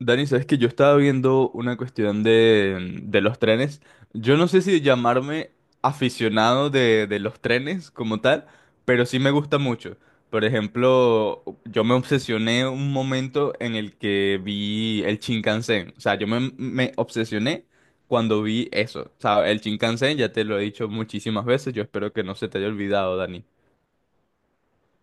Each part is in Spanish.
Dani, sabes que yo estaba viendo una cuestión de los trenes. Yo no sé si llamarme aficionado de los trenes como tal, pero sí me gusta mucho. Por ejemplo, yo me obsesioné un momento en el que vi el Shinkansen. O sea, yo me obsesioné cuando vi eso. O sea, el Shinkansen, ya te lo he dicho muchísimas veces, yo espero que no se te haya olvidado, Dani.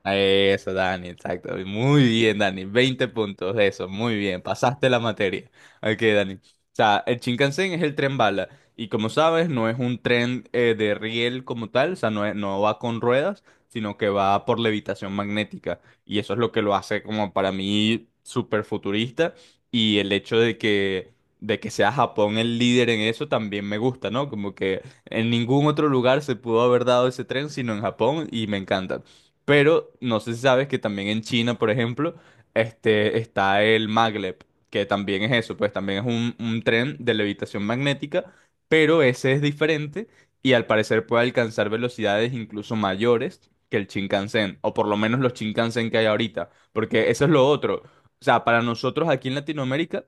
Eso, Dani, exacto. Muy bien, Dani. Veinte puntos, eso, muy bien. Pasaste la materia. Ok, Dani. O sea, el Shinkansen es el tren bala. Y como sabes, no es un tren de riel como tal, o sea, no, no va con ruedas, sino que va por levitación magnética. Y eso es lo que lo hace como para mí súper futurista. Y el hecho de que sea Japón el líder en eso también me gusta, ¿no? Como que en ningún otro lugar se pudo haber dado ese tren sino en Japón y me encanta. Pero no sé si sabes que también en China, por ejemplo, está el maglev, que también es eso, pues también es un tren de levitación magnética, pero ese es diferente y al parecer puede alcanzar velocidades incluso mayores que el Shinkansen, o por lo menos los Shinkansen que hay ahorita, porque eso es lo otro. O sea, para nosotros aquí en Latinoamérica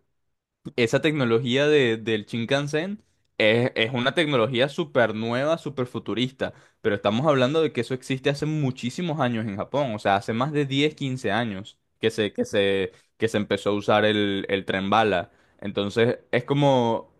esa tecnología del Shinkansen es una tecnología súper nueva, súper futurista, pero estamos hablando de que eso existe hace muchísimos años en Japón, o sea, hace más de 10 15 años que se empezó a usar el tren bala. Entonces, es como,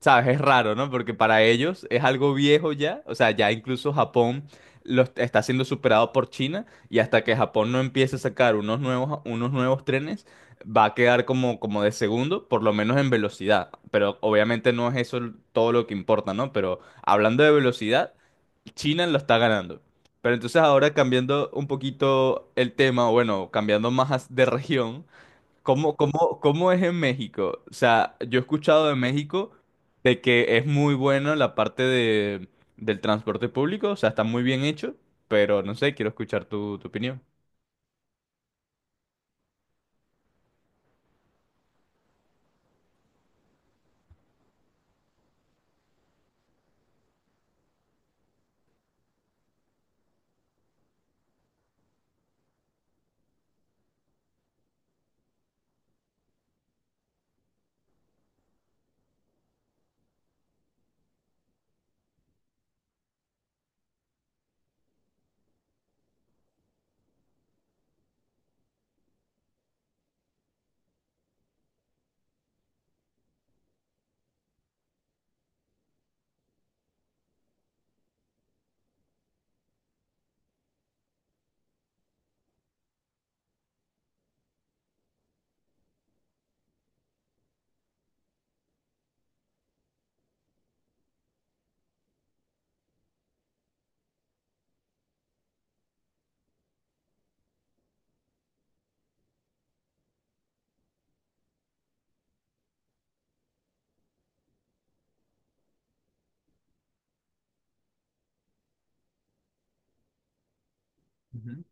¿sabes? Es raro, ¿no? Porque para ellos es algo viejo ya, o sea, ya incluso Japón está siendo superado por China y hasta que Japón no empiece a sacar unos nuevos trenes va a quedar como de segundo, por lo menos en velocidad. Pero obviamente no es eso todo lo que importa, ¿no? Pero hablando de velocidad, China lo está ganando. Pero entonces ahora cambiando un poquito el tema, o bueno, cambiando más de región, ¿cómo es en México? O sea, yo he escuchado de México de que es muy bueno la parte del transporte público, o sea, está muy bien hecho, pero no sé, quiero escuchar tu opinión. Ujú.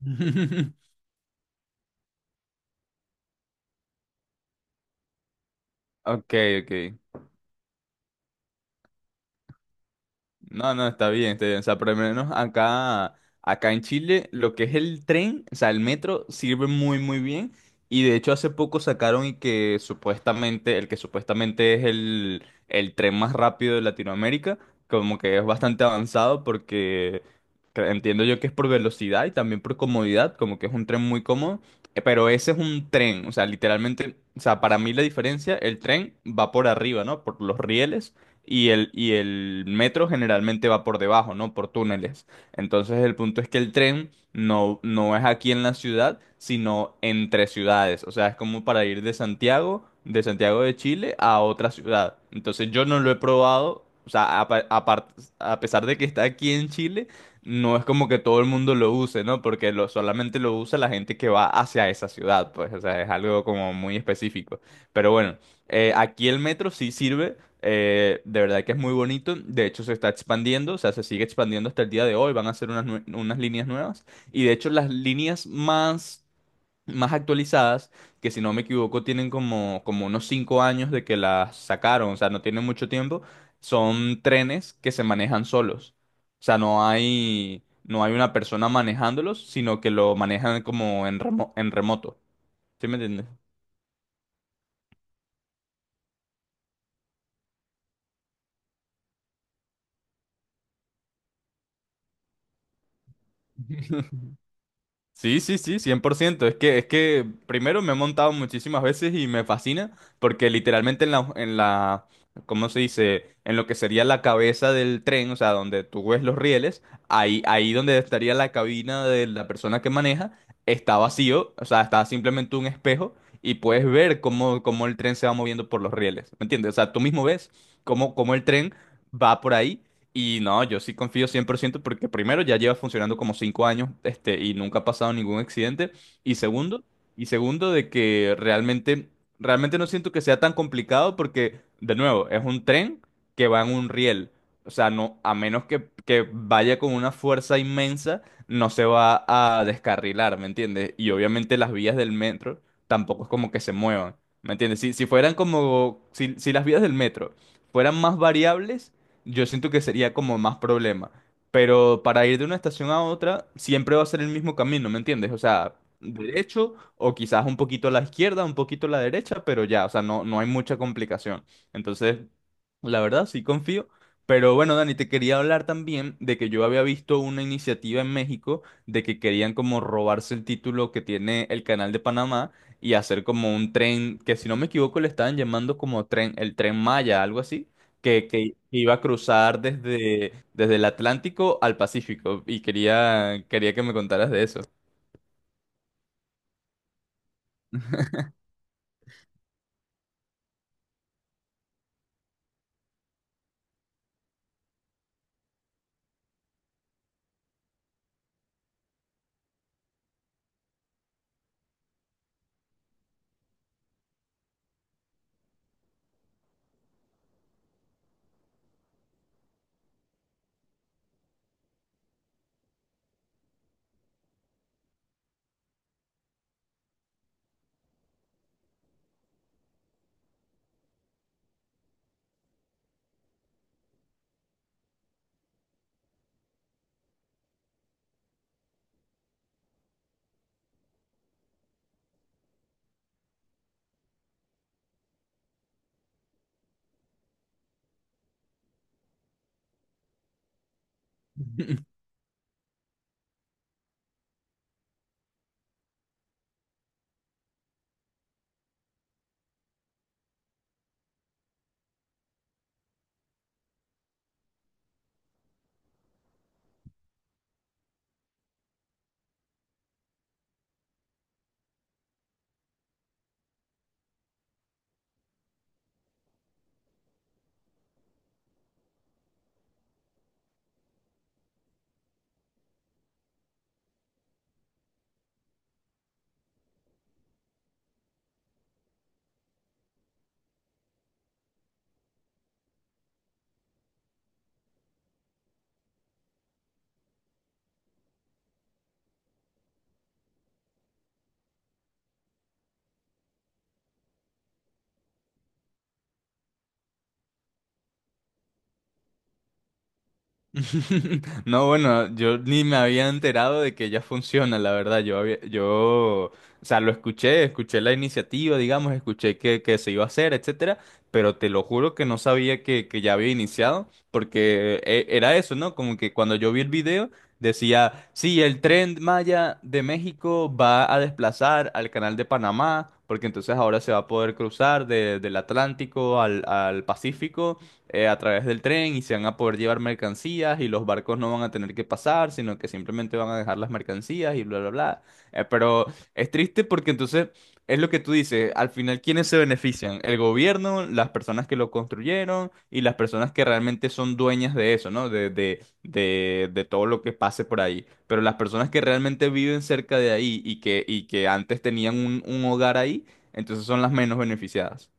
Ok, ok. No, no, está bien, está bien. O sea, por lo menos acá en Chile, lo que es el tren, o sea, el metro, sirve muy, muy bien. Y de hecho, hace poco sacaron y que supuestamente, el que supuestamente es el tren más rápido de Latinoamérica, como que es bastante avanzado porque entiendo yo que es por velocidad y también por comodidad, como que es un tren muy cómodo. Pero ese es un tren, o sea, literalmente, o sea, para mí la diferencia, el tren va por arriba, ¿no? Por los rieles el metro generalmente va por debajo, ¿no? Por túneles. Entonces el punto es que el tren no es aquí en la ciudad, sino entre ciudades. O sea, es como para ir de Santiago de Chile a otra ciudad. Entonces yo no lo he probado, o sea, a, pa- a par- a pesar de que está aquí en Chile, no es como que todo el mundo lo use, ¿no? Porque solamente lo usa la gente que va hacia esa ciudad, pues, o sea, es algo como muy específico. Pero bueno, aquí el metro sí sirve de verdad que es muy bonito. De hecho, se está expandiendo, o sea, se sigue expandiendo hasta el día de hoy. Van a hacer unas líneas nuevas. Y de hecho, las líneas más actualizadas, que si no me equivoco, tienen como unos 5 años de que las sacaron, o sea, no tienen mucho tiempo, son trenes que se manejan solos. O sea, no hay una persona manejándolos, sino que lo manejan como en remoto. ¿Sí me entiendes? Sí, sí, sí, 100%. Es que primero me he montado muchísimas veces y me fascina porque literalmente ¿cómo se dice? En lo que sería la cabeza del tren, o sea, donde tú ves los rieles, ahí donde estaría la cabina de la persona que maneja, está vacío, o sea, está simplemente un espejo y puedes ver cómo el tren se va moviendo por los rieles, ¿me entiendes? O sea, tú mismo ves cómo el tren va por ahí y no, yo sí confío 100% porque primero ya lleva funcionando como 5 años, y nunca ha pasado ningún accidente. Y segundo, y segundo, de que realmente no siento que sea tan complicado porque, de nuevo, es un tren que va en un riel. O sea, no, a menos que vaya con una fuerza inmensa, no se va a descarrilar, ¿me entiendes? Y obviamente las vías del metro tampoco es como que se muevan, ¿me entiendes? Si fueran como, si las vías del metro fueran más variables yo siento que sería como más problema. Pero para ir de una estación a otra, siempre va a ser el mismo camino, ¿me entiendes? O sea, derecho o quizás un poquito a la izquierda, un poquito a la derecha, pero ya, o sea, no hay mucha complicación. Entonces, la verdad, sí confío. Pero bueno, Dani, te quería hablar también de que yo había visto una iniciativa en México de que querían como robarse el título que tiene el Canal de Panamá y hacer como un tren, que si no me equivoco le estaban llamando como tren, el Tren Maya, algo así que iba a cruzar desde el Atlántico al Pacífico y quería que me contaras de eso. No, bueno, yo ni me había enterado de que ya funciona, la verdad. O sea, lo escuché, escuché la iniciativa, digamos, escuché que se iba a hacer, etcétera, pero te lo juro que no sabía que ya había iniciado, porque era eso, ¿no? Como que cuando yo vi el video decía, sí, el Tren Maya de México va a desplazar al Canal de Panamá, porque entonces ahora se va a poder cruzar del Atlántico al Pacífico a través del tren y se van a poder llevar mercancías y los barcos no van a tener que pasar, sino que simplemente van a dejar las mercancías y bla, bla, bla. Pero es triste porque entonces es lo que tú dices, al final, ¿quiénes se benefician? El gobierno, las personas que lo construyeron y las personas que realmente son dueñas de eso, ¿no? De todo lo que pase por ahí. Pero las personas que realmente viven cerca de ahí que antes tenían un hogar ahí, entonces son las menos beneficiadas.